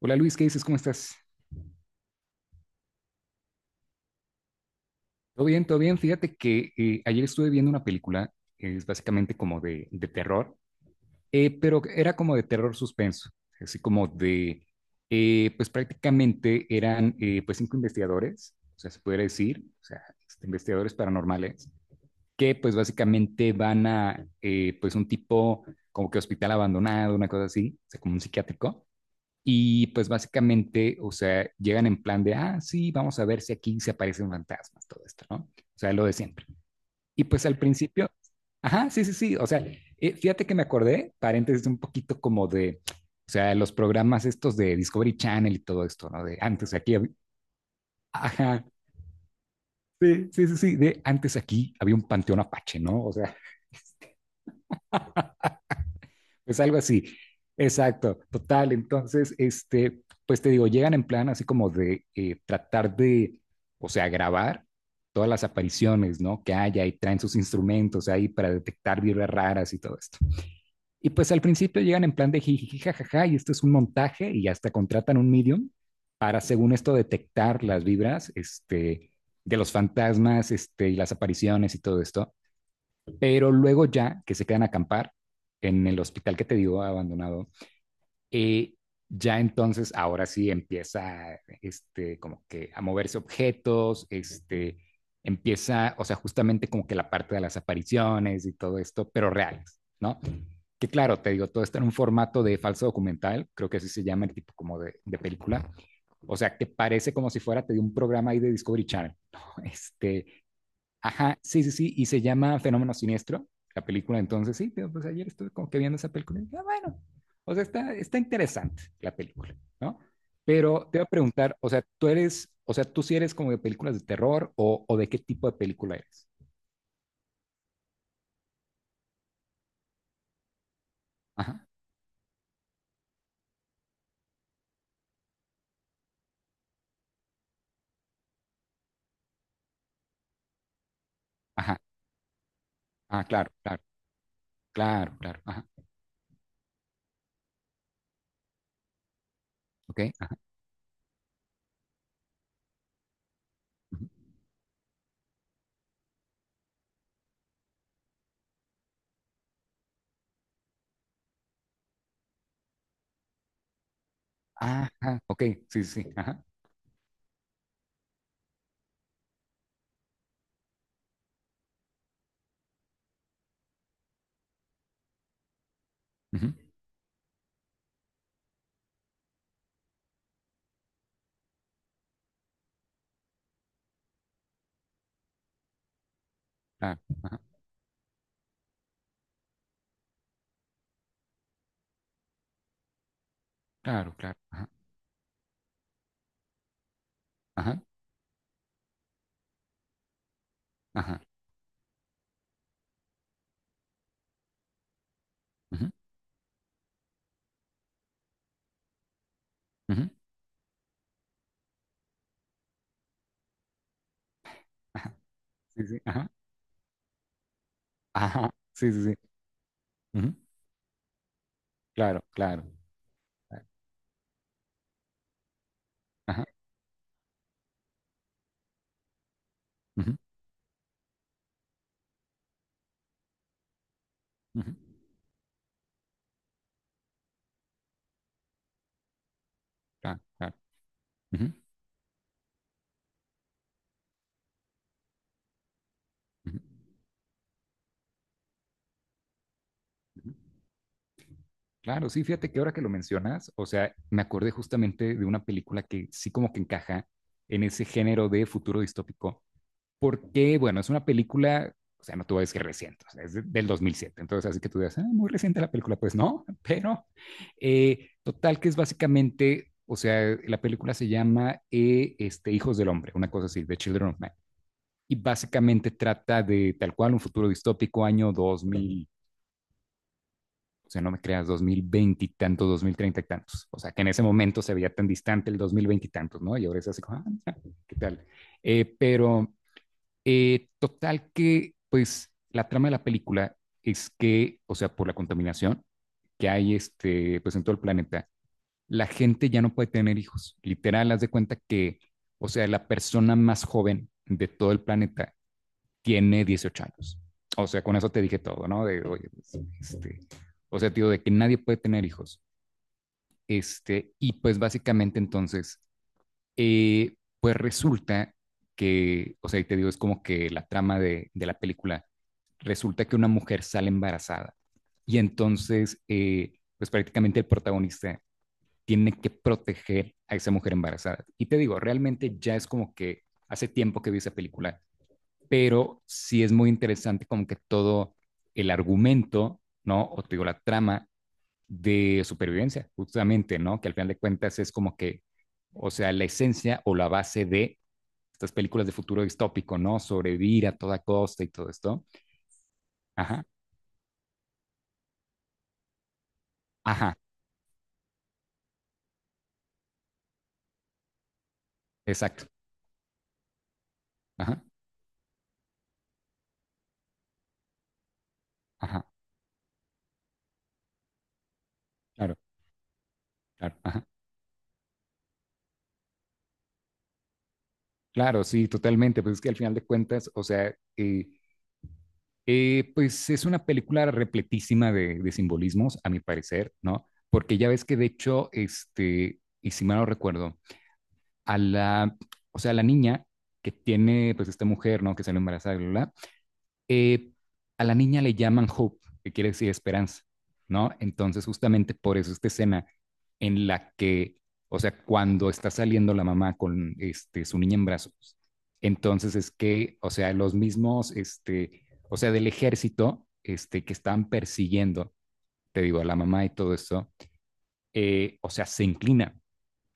Hola Luis, ¿qué dices? ¿Cómo estás? Todo bien, todo bien. Fíjate que ayer estuve viendo una película, es básicamente como de terror, pero era como de terror suspenso, así como de, pues prácticamente eran pues cinco investigadores, o sea, se podría decir, o sea, este, investigadores paranormales, que pues básicamente van a pues un tipo como que hospital abandonado, una cosa así, o sea, como un psiquiátrico. Y pues básicamente, o sea, llegan en plan de, ah, sí, vamos a ver si aquí se aparecen fantasmas, todo esto, ¿no? O sea, lo de siempre. Y pues al principio, ajá, sí, sí, sí, o sea, fíjate que me acordé, paréntesis, un poquito como de, o sea, los programas estos de Discovery Channel y todo esto, ¿no? De antes aquí, ajá, sí, sí, sí, sí, de antes aquí había un panteón apache, ¿no? O sea, es algo así. Exacto, total. Entonces, este, pues te digo, llegan en plan así como de tratar de, o sea, grabar todas las apariciones, ¿no? Que haya, y traen sus instrumentos ahí para detectar vibras raras y todo esto. Y pues al principio llegan en plan de jiji, jajaja, y esto es un montaje, y hasta contratan un medium para, según esto, detectar las vibras, este, de los fantasmas, este, y las apariciones y todo esto. Pero luego, ya que se quedan a acampar en el hospital que te digo abandonado, y ya entonces, ahora sí empieza, este, como que a moverse objetos, este, empieza, o sea, justamente como que la parte de las apariciones y todo esto, pero reales, ¿no? Que claro, te digo, todo está en un formato de falso documental, creo que así se llama el tipo como de película, o sea, que parece como si fuera, te digo, un programa ahí de Discovery Channel, ¿no? Este, ajá, sí, sí, sí, y se llama Fenómeno Siniestro, la película. Entonces sí, pero pues ayer estuve como que viendo esa película y dije, ah, bueno, o sea, está interesante la película, ¿no? Pero te voy a preguntar, o sea, tú eres, o sea, tú sí eres como de películas de terror o de qué tipo de película eres. Ajá, ajá, ah, claro, claro, claro, claro, ajá, ok, ajá, ujú. Ajá, ok, sí, sí, sí, ajá, ujú, claro, ajá, claro, claro, ajá, ajá, ajá, ujú, ujú, ajá, sí, sí, ajá, ajá, sí, sí, sí, ujú, claro, claro. Claro. Ajá. Ujú, ujú, claro, claro. Ujú, ujú, ujú. Claro, sí, fíjate que ahora que lo mencionas, o sea, me acordé justamente de una película que sí como que encaja en ese género de futuro distópico, porque, bueno, es una película, o sea, no te voy a decir reciente, o sea, es del 2007. Entonces, así que tú digas, "Ah, muy reciente la película", pues no, pero total que es básicamente, o sea, la película se llama este, Hijos del Hombre, una cosa así, The Children of Man. Y básicamente trata de tal cual un futuro distópico, año 2000, o sea, no me creas, 2020 y tantos, 2030 y tantos. O sea, que en ese momento se veía tan distante el 2020 y tantos, ¿no? Y ahora es así, como, ah, ¿qué tal? Pero total que, pues, la trama de la película es que, o sea, por la contaminación que hay, este, pues, en todo el planeta, la gente ya no puede tener hijos. Literal, haz de cuenta que, o sea, la persona más joven de todo el planeta tiene 18 años. O sea, con eso te dije todo, ¿no? De, oye, pues, este, o sea, tío, de que nadie puede tener hijos. Este, y pues básicamente entonces, eh, pues resulta que, o sea, y te digo, es como que la trama de, la película, resulta que una mujer sale embarazada, y entonces, pues prácticamente el protagonista tiene que proteger a esa mujer embarazada. Y te digo, realmente ya es como que hace tiempo que vi esa película, pero sí es muy interesante como que todo el argumento, ¿no? O te digo, la trama de supervivencia, justamente, ¿no? Que al final de cuentas es como que, o sea, la esencia o la base de estas películas de futuro distópico, ¿no? Sobrevivir a toda costa y todo esto. Ajá, ajá, exacto. Ajá, ajá, claro, claro, ajá. Claro, sí, totalmente. Pues es que al final de cuentas, o sea, pues es una película repletísima de, simbolismos, a mi parecer, ¿no? Porque ya ves que de hecho, este, y si mal no recuerdo, a la, o sea, a la niña que tiene, pues, esta mujer, ¿no? Que sale embarazada, bla, bla, bla, eh, a la niña le llaman Hope, que quiere decir esperanza, ¿no? Entonces, justamente por eso esta escena en la que, o sea, cuando está saliendo la mamá con, este, su niña en brazos, entonces es que, o sea, los mismos, este, o sea, del ejército, este, que están persiguiendo, te digo, a la mamá y todo eso, o sea, se inclina,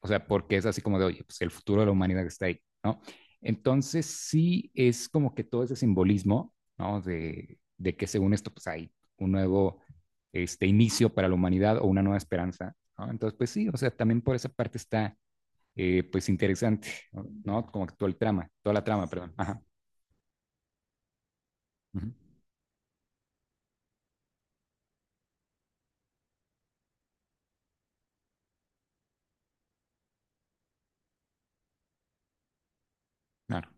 o sea, porque es así como de, oye, pues el futuro de la humanidad está ahí, ¿no? Entonces sí es como que todo ese simbolismo, ¿no? De que según esto, pues hay un nuevo, este, inicio para la humanidad o una nueva esperanza, ¿no? Entonces, pues sí, o sea, también por esa parte está, pues, interesante, ¿no? Como que todo el trama, toda la trama, perdón. Ajá. Ujú. Claro,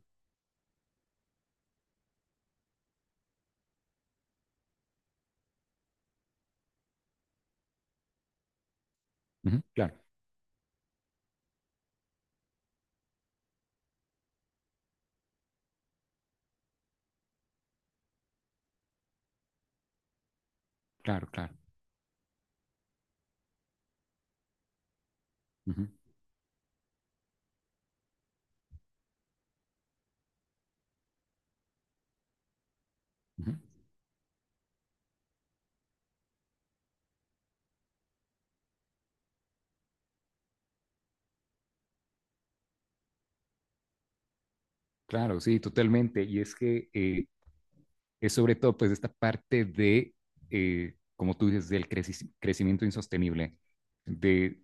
ujú, claro, claro, claro. Ujú. Ujú. Claro, sí, totalmente. Y es que, es sobre todo pues esta parte de, como tú dices, del crecimiento insostenible, de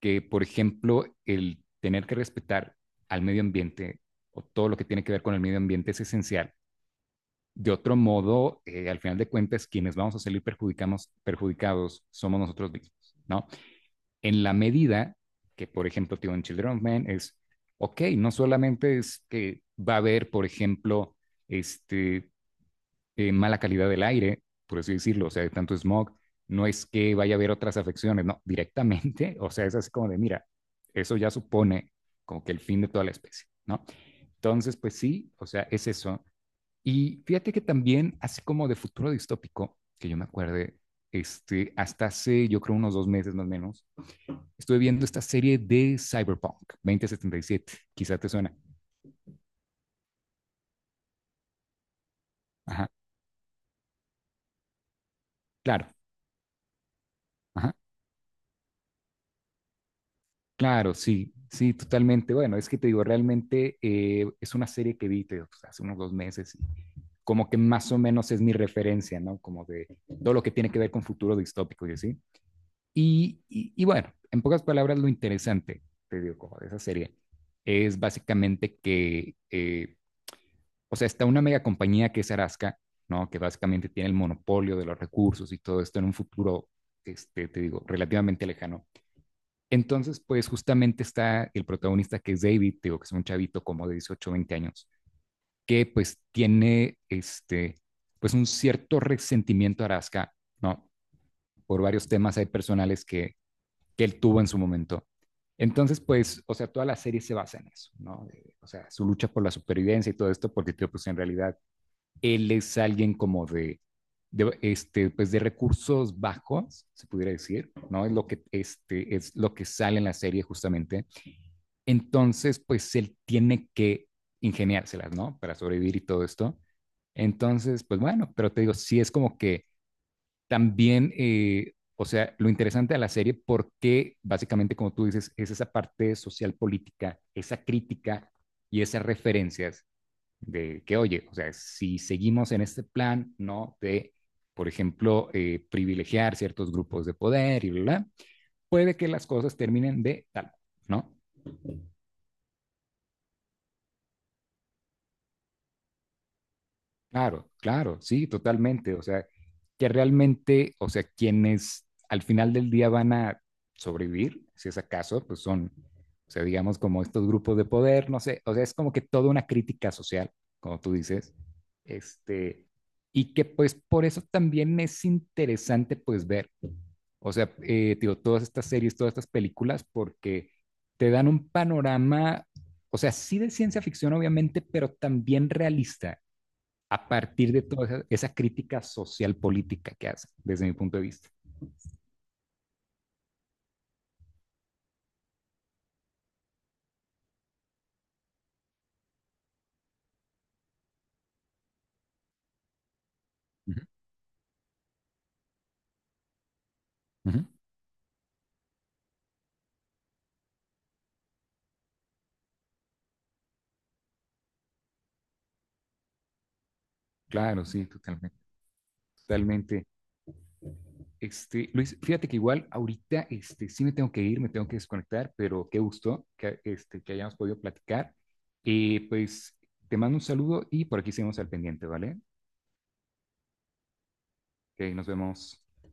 que, por ejemplo, el tener que respetar al medio ambiente o todo lo que tiene que ver con el medio ambiente es esencial. De otro modo, al final de cuentas, quienes vamos a salir perjudicados somos nosotros mismos, ¿no? En la medida que, por ejemplo, tío, en Children of Men es, ok, no solamente es que va a haber, por ejemplo, este, mala calidad del aire, por así decirlo, o sea, de tanto smog, no es que vaya a haber otras afecciones, no, directamente, o sea, es así como de, mira, eso ya supone como que el fin de toda la especie, ¿no? Entonces, pues sí, o sea, es eso. Y fíjate que también, así como de futuro distópico, que yo me acuerde, este, hasta hace, yo creo, unos 2 meses más o menos, estuve viendo esta serie de Cyberpunk 2077, quizá te suena. Ajá, claro, ajá. Claro, sí, sí, totalmente. Bueno, es que te digo, realmente es una serie que vi, te digo, pues, hace unos 2 meses, y como que más o menos es mi referencia, ¿no? Como de todo lo que tiene que ver con futuro distópico y así. Y bueno, en pocas palabras, lo interesante, te digo, como de esa serie, es básicamente que, o sea, está una mega compañía que es Arasca, ¿no? Que básicamente tiene el monopolio de los recursos y todo esto en un futuro, este, te digo, relativamente lejano. Entonces, pues, justamente está el protagonista, que es David, digo, que es un chavito como de 18 20 años, que pues tiene, este, pues un cierto resentimiento a Araska, ¿no? Por varios temas ahí personales que, él tuvo en su momento. Entonces, pues, o sea, toda la serie se basa en eso, ¿no? De, o sea, su lucha por la supervivencia y todo esto, porque, pues, en realidad, él es alguien como de, este, pues, de recursos bajos, se pudiera decir, ¿no? Es lo que, este, es lo que sale en la serie justamente. Entonces, pues él tiene que ingeniárselas, ¿no? Para sobrevivir y todo esto. Entonces, pues bueno, pero te digo, sí es como que también, o sea, lo interesante de la serie, porque básicamente, como tú dices, es esa parte social política, esa crítica y esas referencias de que, oye, o sea, si seguimos en este plan, ¿no? De, por ejemplo, privilegiar ciertos grupos de poder y bla, bla, puede que las cosas terminen de tal, ¿no? Claro, claro, sí, totalmente. O sea, que realmente, o sea, quienes al final del día van a sobrevivir, si es acaso, pues son, o sea, digamos como estos grupos de poder, no sé, o sea, es como que toda una crítica social, como tú dices, este, y que pues por eso también es interesante pues ver, o sea, digo, todas estas series, todas estas películas, porque te dan un panorama, o sea, sí de ciencia ficción, obviamente, pero también realista a partir de toda esa crítica social política que hace, desde mi punto de vista. Ujú, ujú. Claro, sí, totalmente, totalmente. Este, Luis, fíjate que igual ahorita, este, sí me tengo que ir, me tengo que desconectar, pero qué gusto que, este, que hayamos podido platicar. Y pues te mando un saludo y por aquí seguimos al pendiente, ¿vale? Ok, nos vemos.